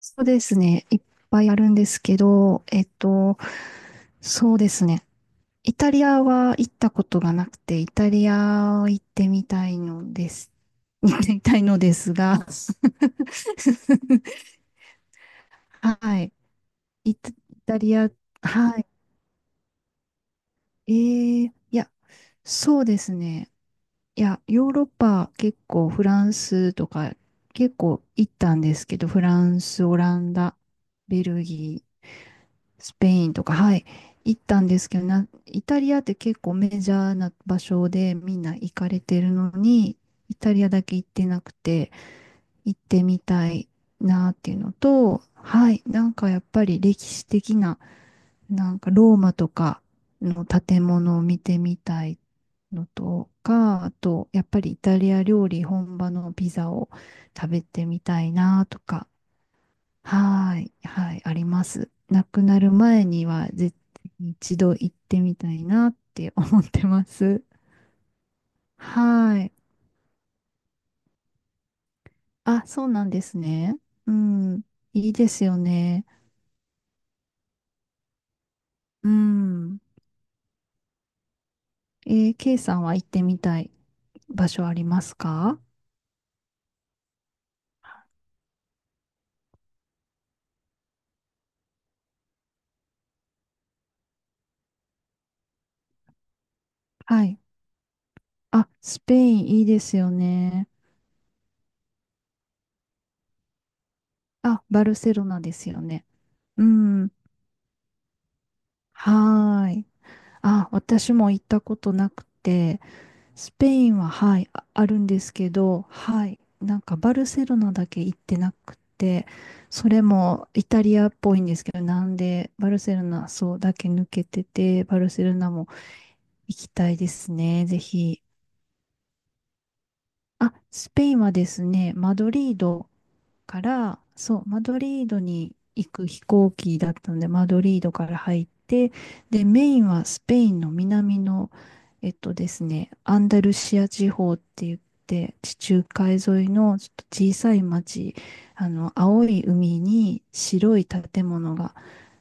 そうですね。いっぱいあるんですけど、そうですね。イタリアは行ったことがなくて、イタリアを行ってみたいのです。行ってみたいのですが、はい。イタ、イタリア、はい。そうですね。いや、ヨーロッパ結構フランスとか結構行ったんですけど、フランス、オランダ、ベルギー、スペインとか、はい、行ったんですけど、イタリアって結構メジャーな場所でみんな行かれてるのに、イタリアだけ行ってなくて、行ってみたいなっていうのと、はい、なんかやっぱり歴史的な、なんかローマとかの建物を見てみたいのとか、あと、やっぱりイタリア料理本場のピザを食べてみたいなとか。はーい、はい、あります。亡くなる前には絶対に一度行ってみたいなって思ってます。はーい。あ、そうなんですね。うん。いいですよね。うん。えー、K さんは行ってみたい場所ありますか？はい。あ、スペインいいですよね。あ、バルセロナですよね。うん。はーい。あ、私も行ったことなくて、スペインは、はい、あ、あるんですけど、はい、なんかバルセロナだけ行ってなくて、それもイタリアっぽいんですけど、なんでバルセロナそうだけ抜けてて、バルセロナも行きたいですね、ぜひ。あ、スペインはですね、マドリードから、そう、マドリードに行く飛行機だったので、マドリードから入って、で、メインはスペインの南の、えっとですね、アンダルシア地方って言って、地中海沿いのちょっと小さい町、あの、青い海に白い建物が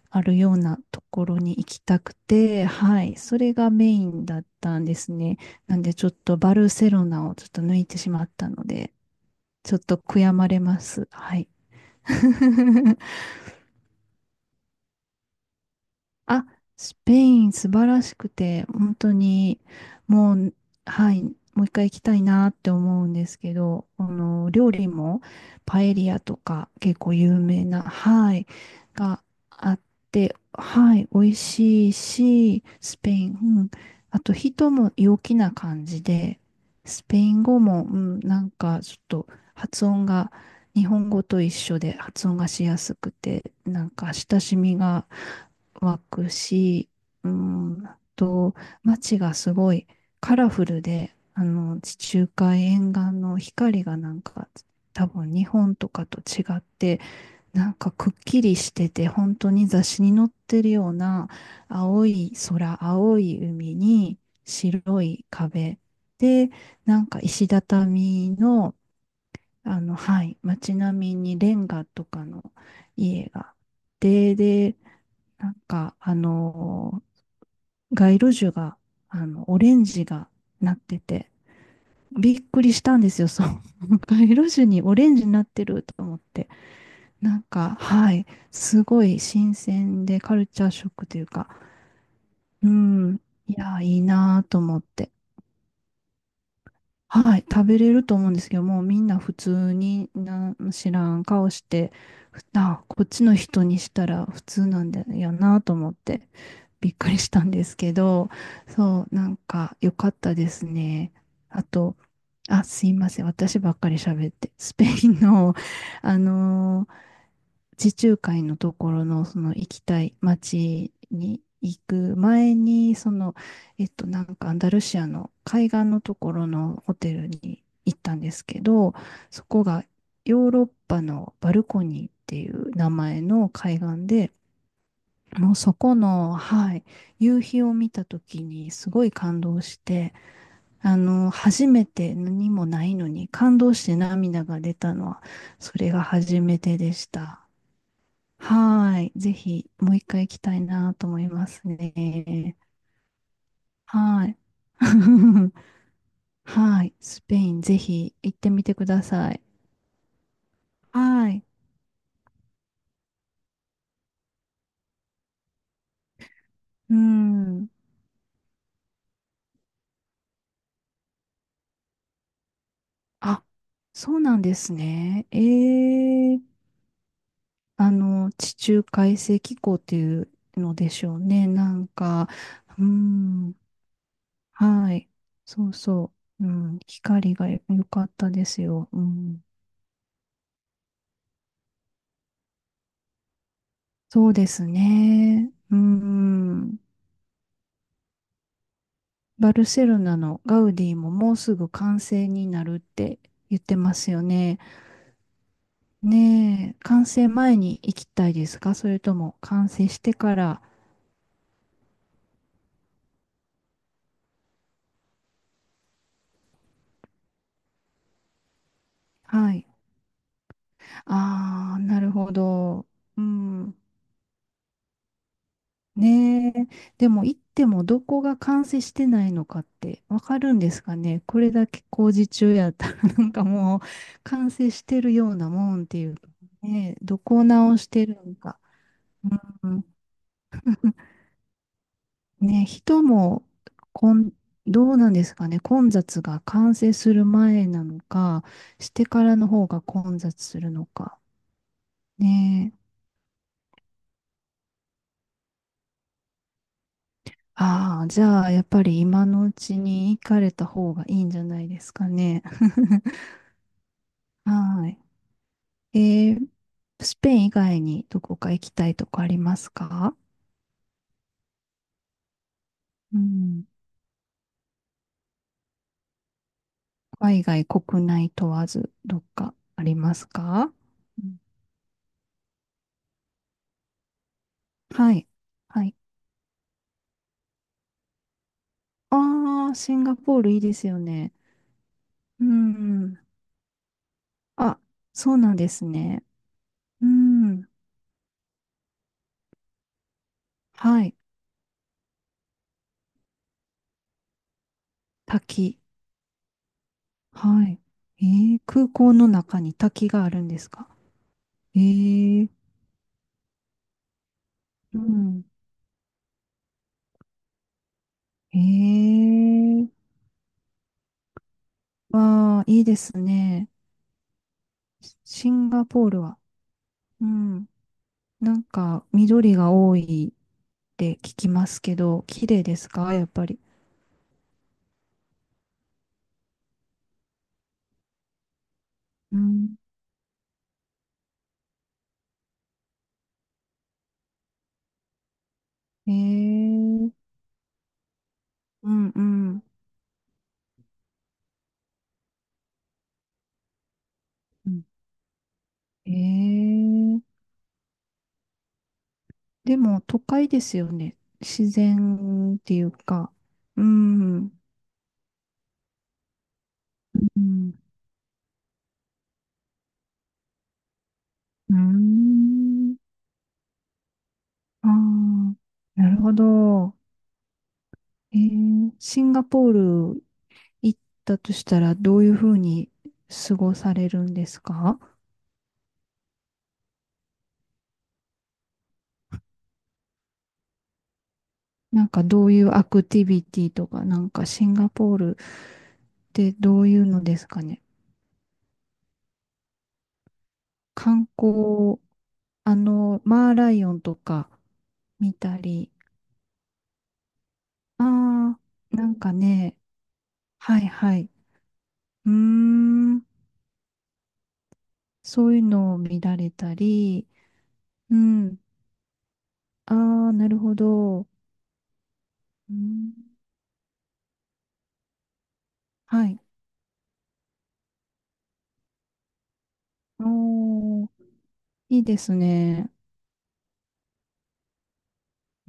あるようなところに行きたくて、はい、それがメインだったんですね。なんでちょっとバルセロナをちょっと抜いてしまったので、ちょっと悔やまれます。はい。あ、スペイン素晴らしくて、本当に、もう、はい、もう一回行きたいなって思うんですけど、あの、料理もパエリアとか結構有名な、はい、があって、はい、美味しいし、スペイン、うん、あと人も陽気な感じで、スペイン語も、うん、なんかちょっと発音が、日本語と一緒で発音がしやすくて、なんか親しみが、湧くし、うーんあと、街がすごいカラフルで、あの、地中海沿岸の光がなんか、多分日本とかと違って、なんかくっきりしてて、本当に雑誌に載ってるような青い空、青い海に白い壁で、なんか石畳の、あの、はい、街並みにレンガとかの家があって、で、なんか、街路樹が、あの、オレンジがなってて、びっくりしたんですよ、そう。街路樹にオレンジになってると思って。なんか、はい、すごい新鮮でカルチャーショックというか、うん、いやー、いいなーと思って。はい、食べれると思うんですけど、もうみんな普通になん知らん顔して、ふあ、こっちの人にしたら普通なんだよなと思ってびっくりしたんですけど、そう、なんか良かったですね。あと、あ、すいません、私ばっかり喋って、スペインの、あのー地中海のところのその行きたい街に行く前に、その、なんかアンダルシアの海岸のところのホテルに行ったんですけど、そこがヨーロッパのバルコニーっていう名前の海岸で、もうそこの、はい、夕日を見た時にすごい感動して、あの、初めて何もないのに感動して涙が出たのは、それが初めてでした。はーい。ぜひ、もう一回行きたいなと思いますね。はーい。はーい。スペイン、ぜひ行ってみてください。はーい。うん。あ、そうなんですね。えー、あの、地中海性気候っていうのでしょうね。なんか、うん。はい。そうそう。うん。光が良かったですよ。うん。そうですね。うん。バルセロナのガウディももうすぐ完成になるって言ってますよね。ねえ、完成前に行きたいですか、それとも完成してから。はい。ああ、なるほど。うん。ねえ、でも行ってもどこが完成してないのかってわかるんですかね。これだけ工事中やったら なんかもう完成してるようなもんっていうか、ね、どこを直してるのか。ね、人も、こん、どうなんですかね、混雑が完成する前なのか、してからの方が混雑するのか。ねえ。ああ、じゃあ、やっぱり今のうちに行かれた方がいいんじゃないですかね。はい。えー、スペイン以外にどこか行きたいとこありますか？うん。海外、国内問わず、どっかありますか？うん。はい。はい。ああ、シンガポールいいですよね。うん。あ、そうなんですね。うん。はい。滝。はい。えー、空港の中に滝があるんですか？えー、うん。えー、わあ、いいですね。シンガポールは。うん。なんか、緑が多いって聞きますけど、綺麗ですかやっぱり。うん。えー、うんうん。うん、えー、でも都会ですよね。自然っていうか。うん。うん。うーん。ああ、なるほど。えー、シンガポール行ったとしたらどういうふうに過ごされるんですか？なんかどういうアクティビティとか、なんかシンガポールってどういうのですかね。観光、あの、マーライオンとか見たり、ああ、なんかね、はいはい。うーん。そういうのを見られたり、うん。ああ、なるほど。うん。はい。おー、いいですね。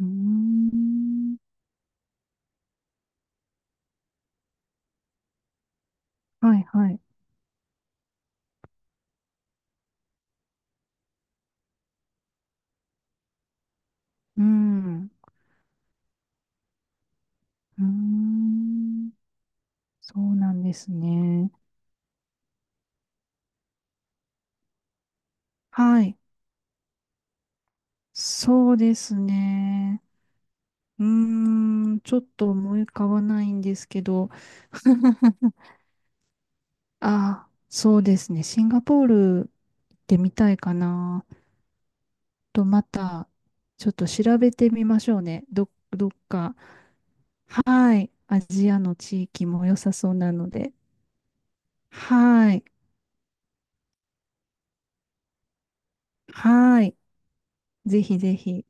うーん。はいはい。うん。うーん。そうなんですね。はい。そうですね。うーん。ちょっと思い浮かばないんですけど。ああ、そうですね。シンガポール行ってみたいかな。とまた、ちょっと調べてみましょうね。ど、どっか。はい。アジアの地域も良さそうなので。はい。はい。ぜひぜひ。